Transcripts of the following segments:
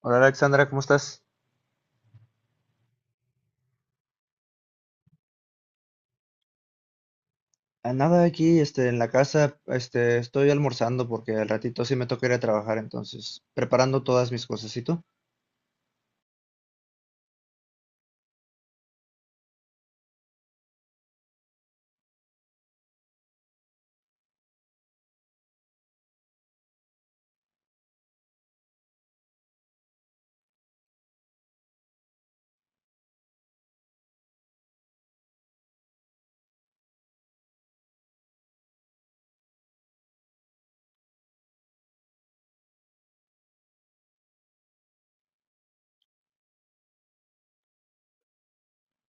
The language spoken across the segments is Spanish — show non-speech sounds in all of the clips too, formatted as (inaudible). Hola Alexandra, ¿cómo estás? A nada aquí, en la casa, estoy almorzando porque al ratito sí me toca ir a trabajar, entonces, preparando todas mis cosas. ¿Y tú?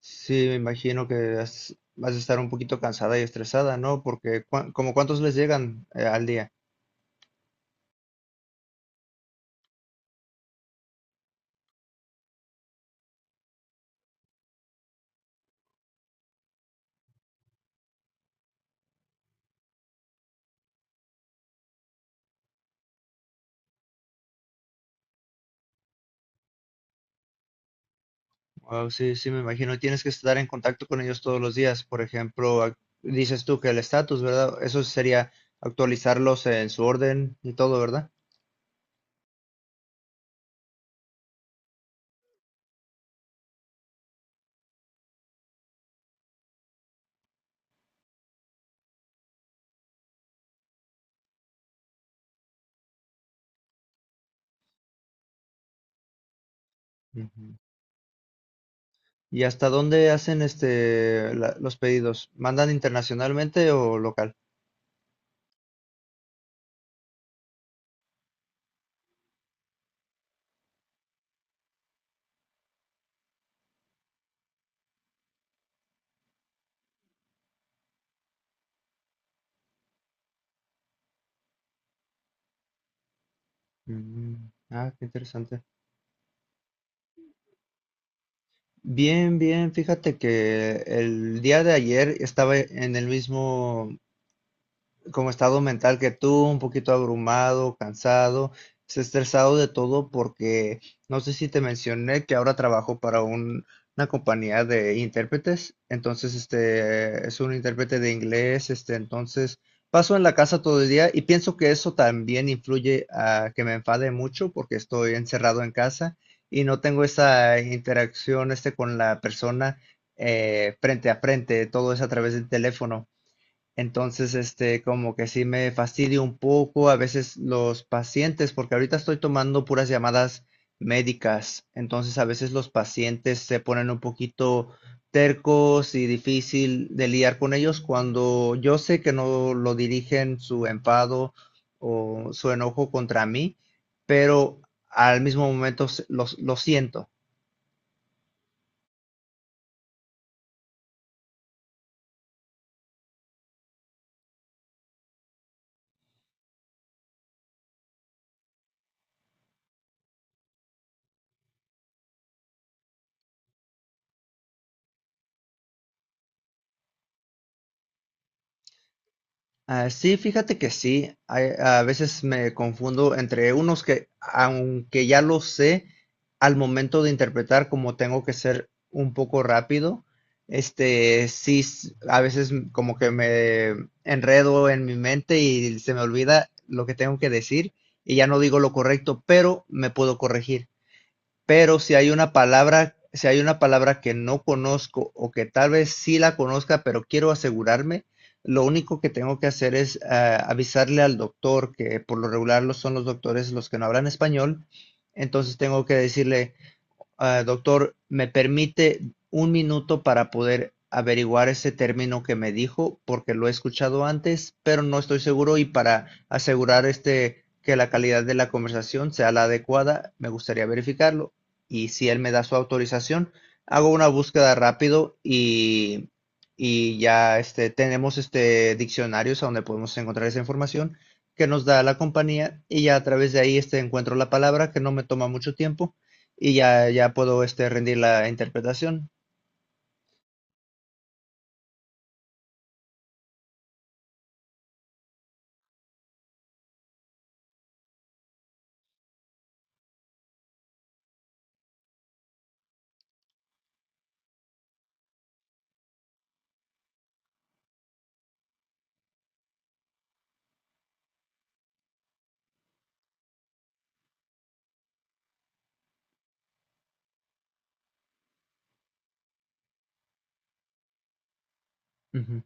Sí, me imagino que vas a estar un poquito cansada y estresada, ¿no? Porque, como cuántos les llegan al día? Oh, sí, sí, me imagino. Tienes que estar en contacto con ellos todos los días. Por ejemplo, dices tú que el estatus, ¿verdad? Eso sería actualizarlos en su orden y todo, ¿verdad? Ujú. ¿Y hasta dónde hacen los pedidos? ¿Mandan internacionalmente o local? Mm, ah, qué interesante. Bien, bien, fíjate que el día de ayer estaba en el mismo como estado mental que tú, un poquito abrumado, cansado, estresado de todo porque no sé si te mencioné que ahora trabajo para una compañía de intérpretes, entonces es un intérprete de inglés, entonces paso en la casa todo el día y pienso que eso también influye a que me enfade mucho porque estoy encerrado en casa y no tengo esa interacción con la persona frente a frente, todo es a través del teléfono. Entonces, como que sí me fastidio un poco a veces los pacientes, porque ahorita estoy tomando puras llamadas médicas. Entonces, a veces los pacientes se ponen un poquito tercos y difícil de lidiar con ellos cuando yo sé que no lo dirigen su enfado o su enojo contra mí, pero al mismo momento lo siento. Ah, sí, fíjate que sí. A veces me confundo entre unos que, aunque ya lo sé, al momento de interpretar, como tengo que ser un poco rápido, sí, a veces como que me enredo en mi mente y se me olvida lo que tengo que decir y ya no digo lo correcto, pero me puedo corregir. Pero si hay una palabra que no conozco o que tal vez sí la conozca, pero quiero asegurarme, lo único que tengo que hacer es avisarle al doctor, que por lo regular son los doctores los que no hablan español. Entonces tengo que decirle: "Ah, doctor, ¿me permite un minuto para poder averiguar ese término que me dijo? Porque lo he escuchado antes, pero no estoy seguro y para asegurar que la calidad de la conversación sea la adecuada, me gustaría verificarlo". Y si él me da su autorización, hago una búsqueda rápido y ya tenemos diccionarios a donde podemos encontrar esa información que nos da la compañía y ya a través de ahí encuentro la palabra que no me toma mucho tiempo y ya puedo, rendir la interpretación. Ujú.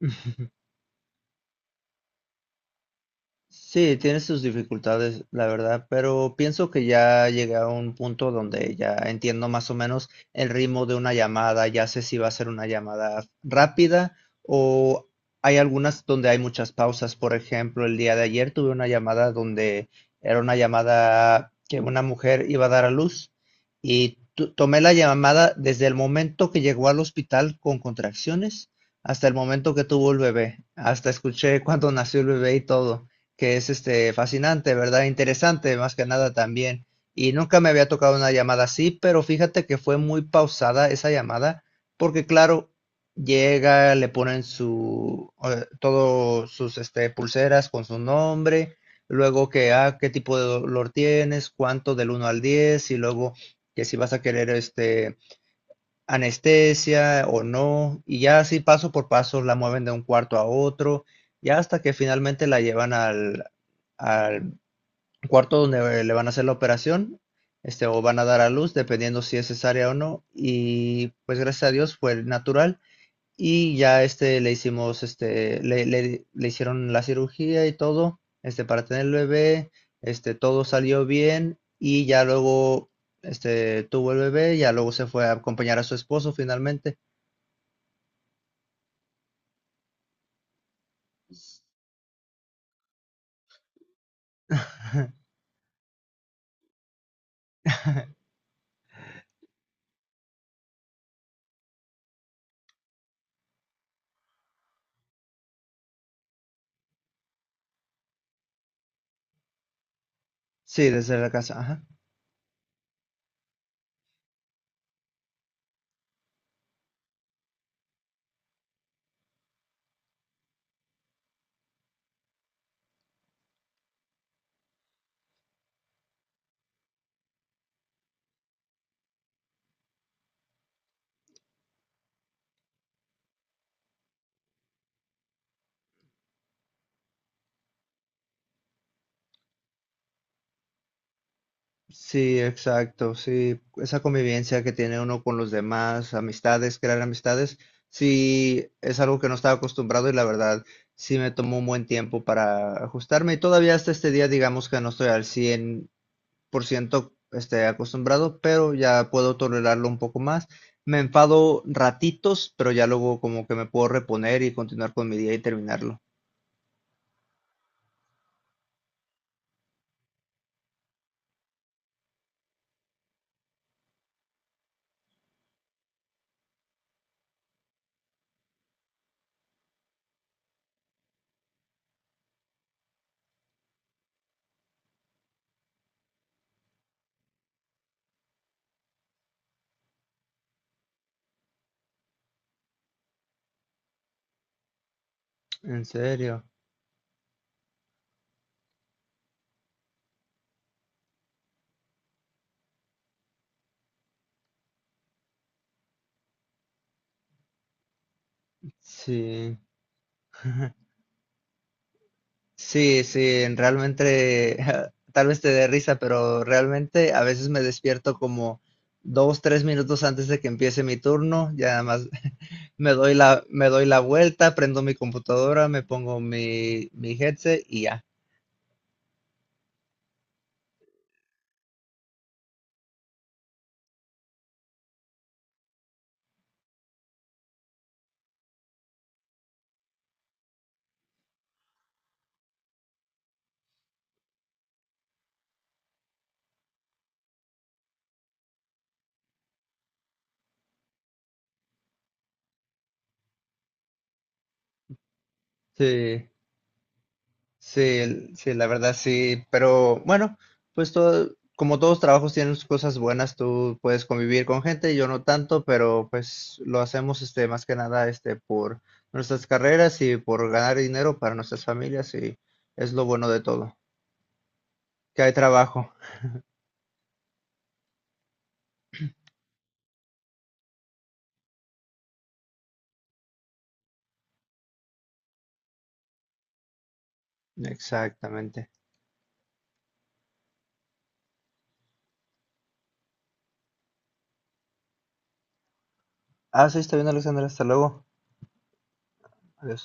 (laughs) Sí, tiene sus dificultades, la verdad, pero pienso que ya llegué a un punto donde ya entiendo más o menos el ritmo de una llamada, ya sé si va a ser una llamada rápida o hay algunas donde hay muchas pausas. Por ejemplo, el día de ayer tuve una llamada donde era una llamada que una mujer iba a dar a luz y tomé la llamada desde el momento que llegó al hospital con contracciones hasta el momento que tuvo el bebé, hasta escuché cuando nació el bebé y todo, que es fascinante, ¿verdad? Interesante, más que nada también. Y nunca me había tocado una llamada así, pero fíjate que fue muy pausada esa llamada, porque claro, llega, le ponen su todos sus, pulseras con su nombre, luego que qué tipo de dolor tienes, cuánto del 1 al 10 y luego que si vas a querer anestesia o no, y ya así paso por paso la mueven de un cuarto a otro, ya hasta que finalmente la llevan al cuarto donde le van a hacer la operación, o van a dar a luz, dependiendo si es cesárea o no, y pues gracias a Dios fue natural y ya este le hicimos este le, le- le hicieron la cirugía y todo, para tener el bebé, todo salió bien y ya luego tuvo el bebé, ya luego se fue a acompañar a su esposo finalmente. (laughs) Sí, desde la casa, ajá. Sí, exacto, sí, esa convivencia que tiene uno con los demás, amistades, crear amistades, sí, es algo que no estaba acostumbrado y, la verdad, sí me tomó un buen tiempo para ajustarme y todavía hasta este día digamos que no estoy al 100%, acostumbrado, pero ya puedo tolerarlo un poco más. Me enfado ratitos, pero ya luego como que me puedo reponer y continuar con mi día y terminarlo. ¿En serio? Sí. Sí, sí, realmente (laughs) tal vez te dé risa, pero realmente a veces me despierto como 2, 3 minutos antes de que empiece mi turno, ya nada más (laughs) me doy la vuelta, prendo mi computadora, me pongo mi headset y ya. Sí. Sí, sí, la verdad sí, pero bueno, pues todo, como todos trabajos tienen sus cosas buenas, tú puedes convivir con gente, yo no tanto, pero pues lo hacemos, más que nada, por nuestras carreras y por ganar dinero para nuestras familias, y es lo bueno de todo, que hay trabajo. Exactamente. Ah, sí, está bien, Alexander, hasta luego. Adiós.